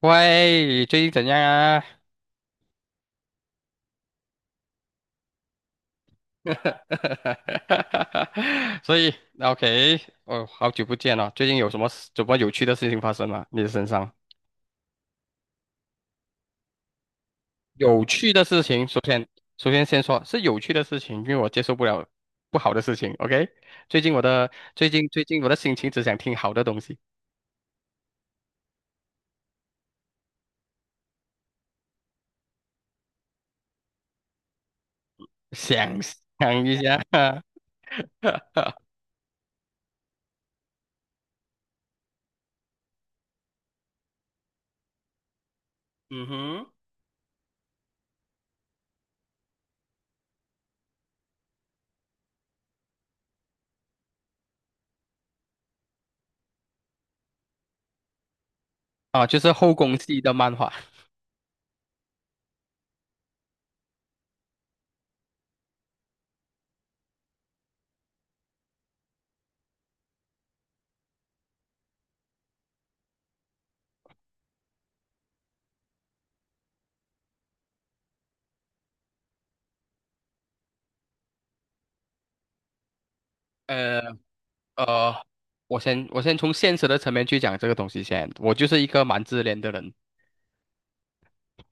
喂，最近怎样啊？所以，OK，哦，好久不见了，最近有什么有趣的事情发生吗？你的身上有趣的事情，首先，首先先说是有趣的事情，因为我接受不了不好的事情。OK，最近我的最近最近我的心情只想听好的东西，想想一下，嗯哼。啊，就是后宫系的漫画。呃。呃，我先从现实的层面去讲这个东西先。我就是一个蛮自恋的人，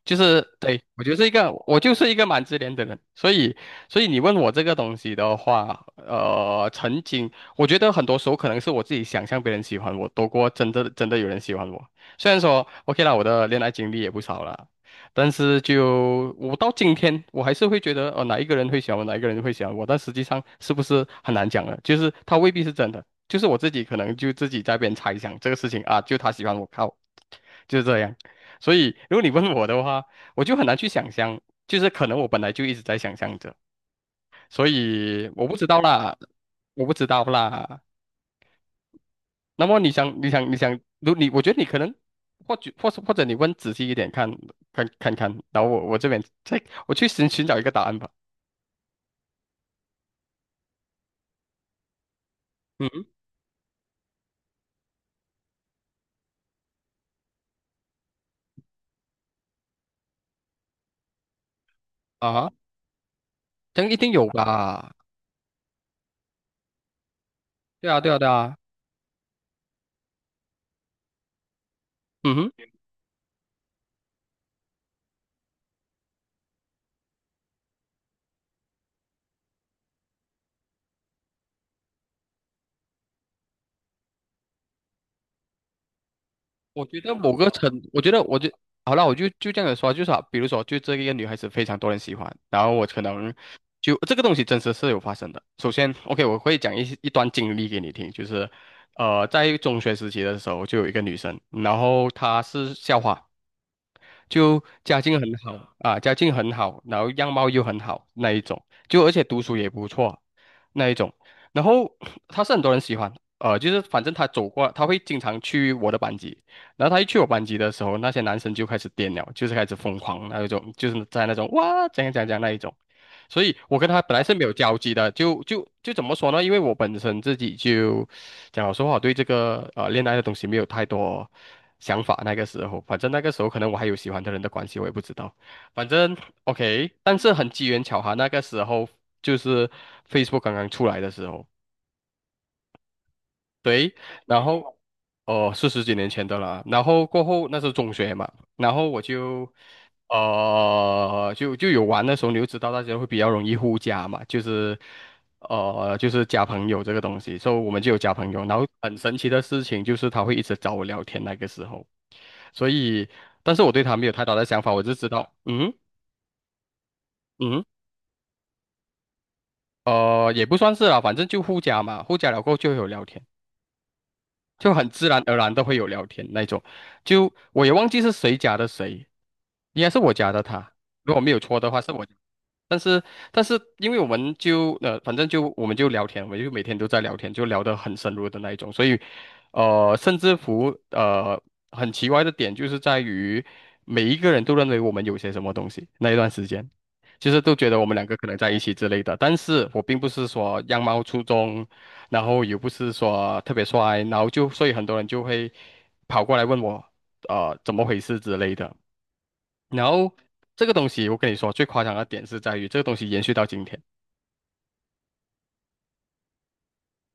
就是对，我就是一个蛮自恋的人，所以你问我这个东西的话，曾经我觉得很多时候可能是我自己想象别人喜欢我多过真的有人喜欢我。虽然说 OK 啦，我的恋爱经历也不少了，但是就我到今天我还是会觉得，哦，哪一个人会喜欢我，哪一个人会喜欢我，但实际上是不是很难讲了？就是他未必是真的，就是我自己可能就自己在那边猜想这个事情啊，就他喜欢我靠，就是这样。所以，如果你问我的话，我就很难去想象，就是可能我本来就一直在想象着，所以我不知道啦，我不知道啦。那么你想，我觉得你可能，或许，或者你问仔细一点看，看看，然后我这边再我去寻找一个答案吧。嗯哼。啊，这样一定有吧？对啊，对啊，对啊。嗯哼。我觉得我就这样子说，就是啊比如说，就这一个女孩子非常多人喜欢，然后我可能就这个东西真实是有发生的。首先，OK，我会讲一段经历给你听，在中学时期的时候，就有一个女生，然后她是校花，就家境很好啊，家境很好，然后样貌又很好那一种，就而且读书也不错那一种，然后他是很多人喜欢。就是反正他走过，他会经常去我的班级，然后他一去我班级的时候，那些男生就开始癫了，就是开始疯狂那一种，就是在那种哇怎样怎样怎样那一种。所以我跟他本来是没有交集的，就怎么说呢？因为我本身自己就讲老实话，我对这个恋爱的东西没有太多想法。那个时候，反正那个时候可能我还有喜欢的人的关系，我也不知道。反正 OK，但是很机缘巧合，那个时候就是 Facebook 刚刚出来的时候。对。然后哦，是十几年前的了。然后过后那是中学嘛，然后我就就有玩的时候，你就知道大家会比较容易互加嘛，就是加朋友这个东西，所以我们就有加朋友。然后很神奇的事情就是他会一直找我聊天那个时候，所以但是我对他没有太大的想法，我就知道嗯。嗯，也不算是啦，反正就互加嘛，互加了过后就会有聊天。就很自然而然的会有聊天那种。就我也忘记是谁加的谁，应该是我加的他，如果没有错的话是我。但是，但是，因为我们就反正就我们就聊天，我们就每天都在聊天，就聊得很深入的那一种。所以，呃，甚至乎呃，很奇怪的点就是在于，每一个人都认为我们有些什么东西。那一段时间，就是都觉得我们两个可能在一起之类的。但是我并不是说样貌出众，然后也不是说特别帅，然后就所以很多人就会跑过来问我，怎么回事之类的。然后这个东西，我跟你说，最夸张的点是在于这个东西延续到今天，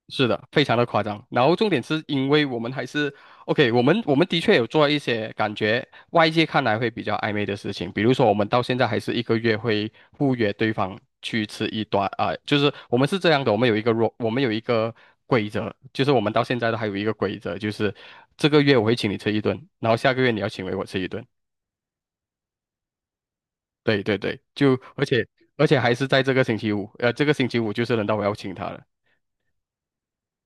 是的，非常的夸张。然后重点是因为我们还是 OK,我们的确有做一些感觉外界看来会比较暧昧的事情，比如说我们到现在还是一个月会互约对方去吃一顿啊、就是我们是这样的，我们有一个规则，就是我们到现在都还有一个规则，就是这个月我会请你吃一顿，然后下个月你要请回我吃一顿。对对对，就而且而且还是在这个星期五，这个星期五就是轮到我要请他了，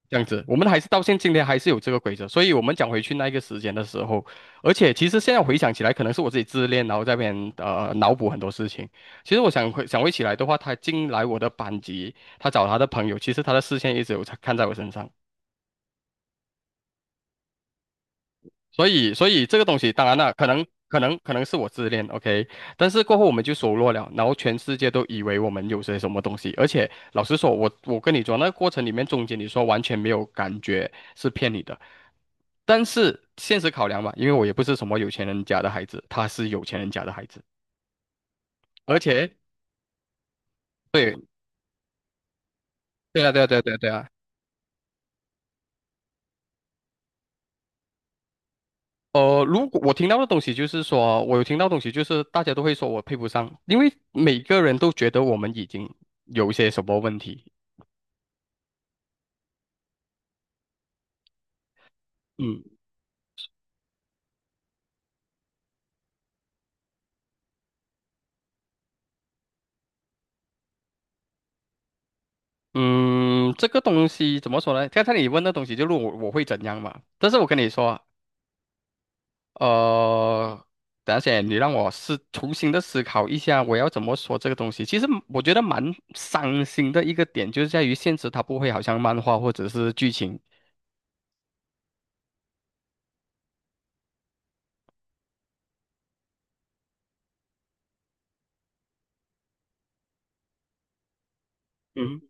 这样子，我们还是到现今天还是有这个规则，所以我们讲回去那个时间的时候，而且其实现在回想起来，可能是我自己自恋，然后在那边脑补很多事情。其实我想回想回起来的话，他进来我的班级，他找他的朋友，其实他的视线一直有在看在我身上。所以，所以这个东西，当然了，可能是我自恋，OK，但是过后我们就熟络了，然后全世界都以为我们有些什么东西，而且老实说，我跟你说，那个过程里面中间你说完全没有感觉是骗你的，但是现实考量嘛，因为我也不是什么有钱人家的孩子，他是有钱人家的孩子，而且对，对啊。如果我听到的东西就是说，我有听到东西就是大家都会说我配不上，因为每个人都觉得我们已经有一些什么问题。嗯嗯。这个东西怎么说呢？刚才你问的东西就是我会怎样嘛？但是我跟你说，呃，等一下先你让我重新的思考一下，我要怎么说这个东西？其实我觉得蛮伤心的一个点，就是在于现实它不会好像漫画或者是剧情。嗯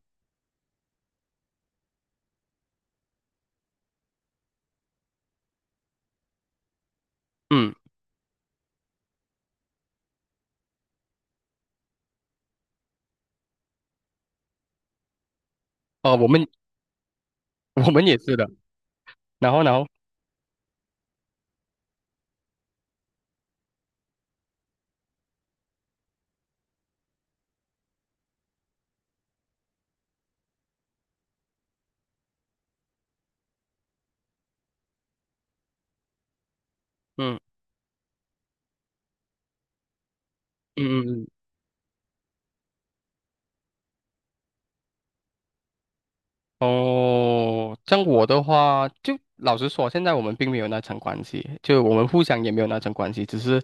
嗯。哦、我们也是的，然后嗯嗯嗯。嗯。哦，像我的话，就老实说，现在我们并没有那层关系，就我们互相也没有那层关系，只是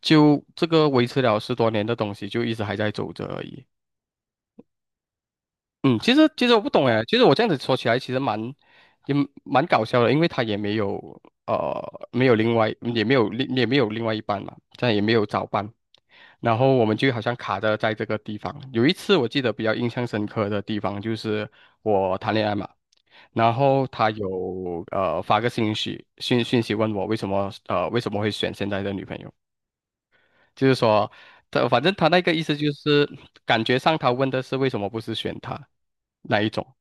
就这个维持了十多年的东西，就一直还在走着而已。嗯，其实我不懂哎，其实我这样子说起来，其实也蛮搞笑的，因为他也没有没有另外也没有另外一半嘛，这样也没有早班，然后我们就好像卡着在这个地方。有一次我记得比较印象深刻的地方就是我谈恋爱嘛。然后他有发个信息讯讯息问我为什么为什么会选现在的女朋友，就是说他反正他那个意思就是感觉上他问的是为什么不是选他那一种，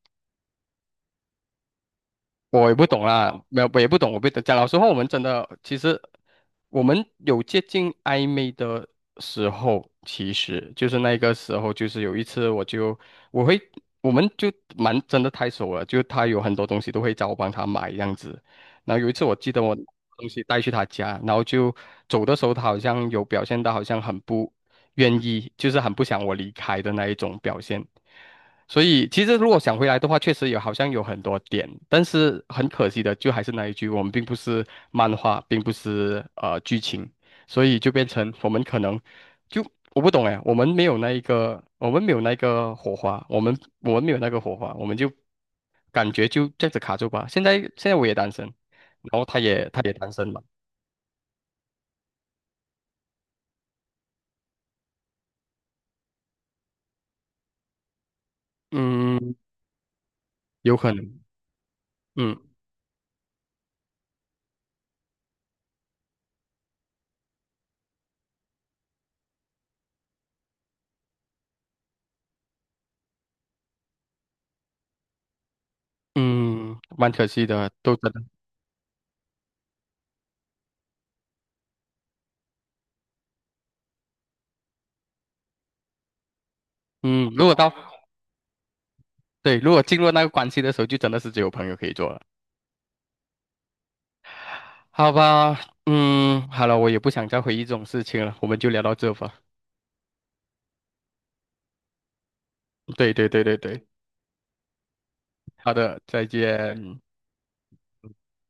我也不懂啦，没有，我也不懂，我不懂。讲老实话，我们真的其实我们有接近暧昧的时候，其实就是那个时候，就是有一次我会我们就蛮真的太熟了，就他有很多东西都会找我帮他买这样子。然后有一次我记得我东西带去他家，然后就走的时候，他好像有表现到好像很不愿意，就是很不想我离开的那一种表现。所以其实如果想回来的话，确实有好像有很多点，但是很可惜的，就还是那一句，我们并不是漫画，并不是剧情，所以就变成我们可能就我不懂哎，我们没有那一个，我们没有那个火花，我们就感觉就这样子卡住吧。现在我也单身，然后他也单身嘛。嗯，有可能。嗯嗯，蛮可惜的，都真的。嗯，嗯如果到。对，如果进入那个关系的时候，就真的是只有朋友可以做了，好吧？嗯，好了，我也不想再回忆这种事情了，我们就聊到这吧。对对对对对。好的，再见。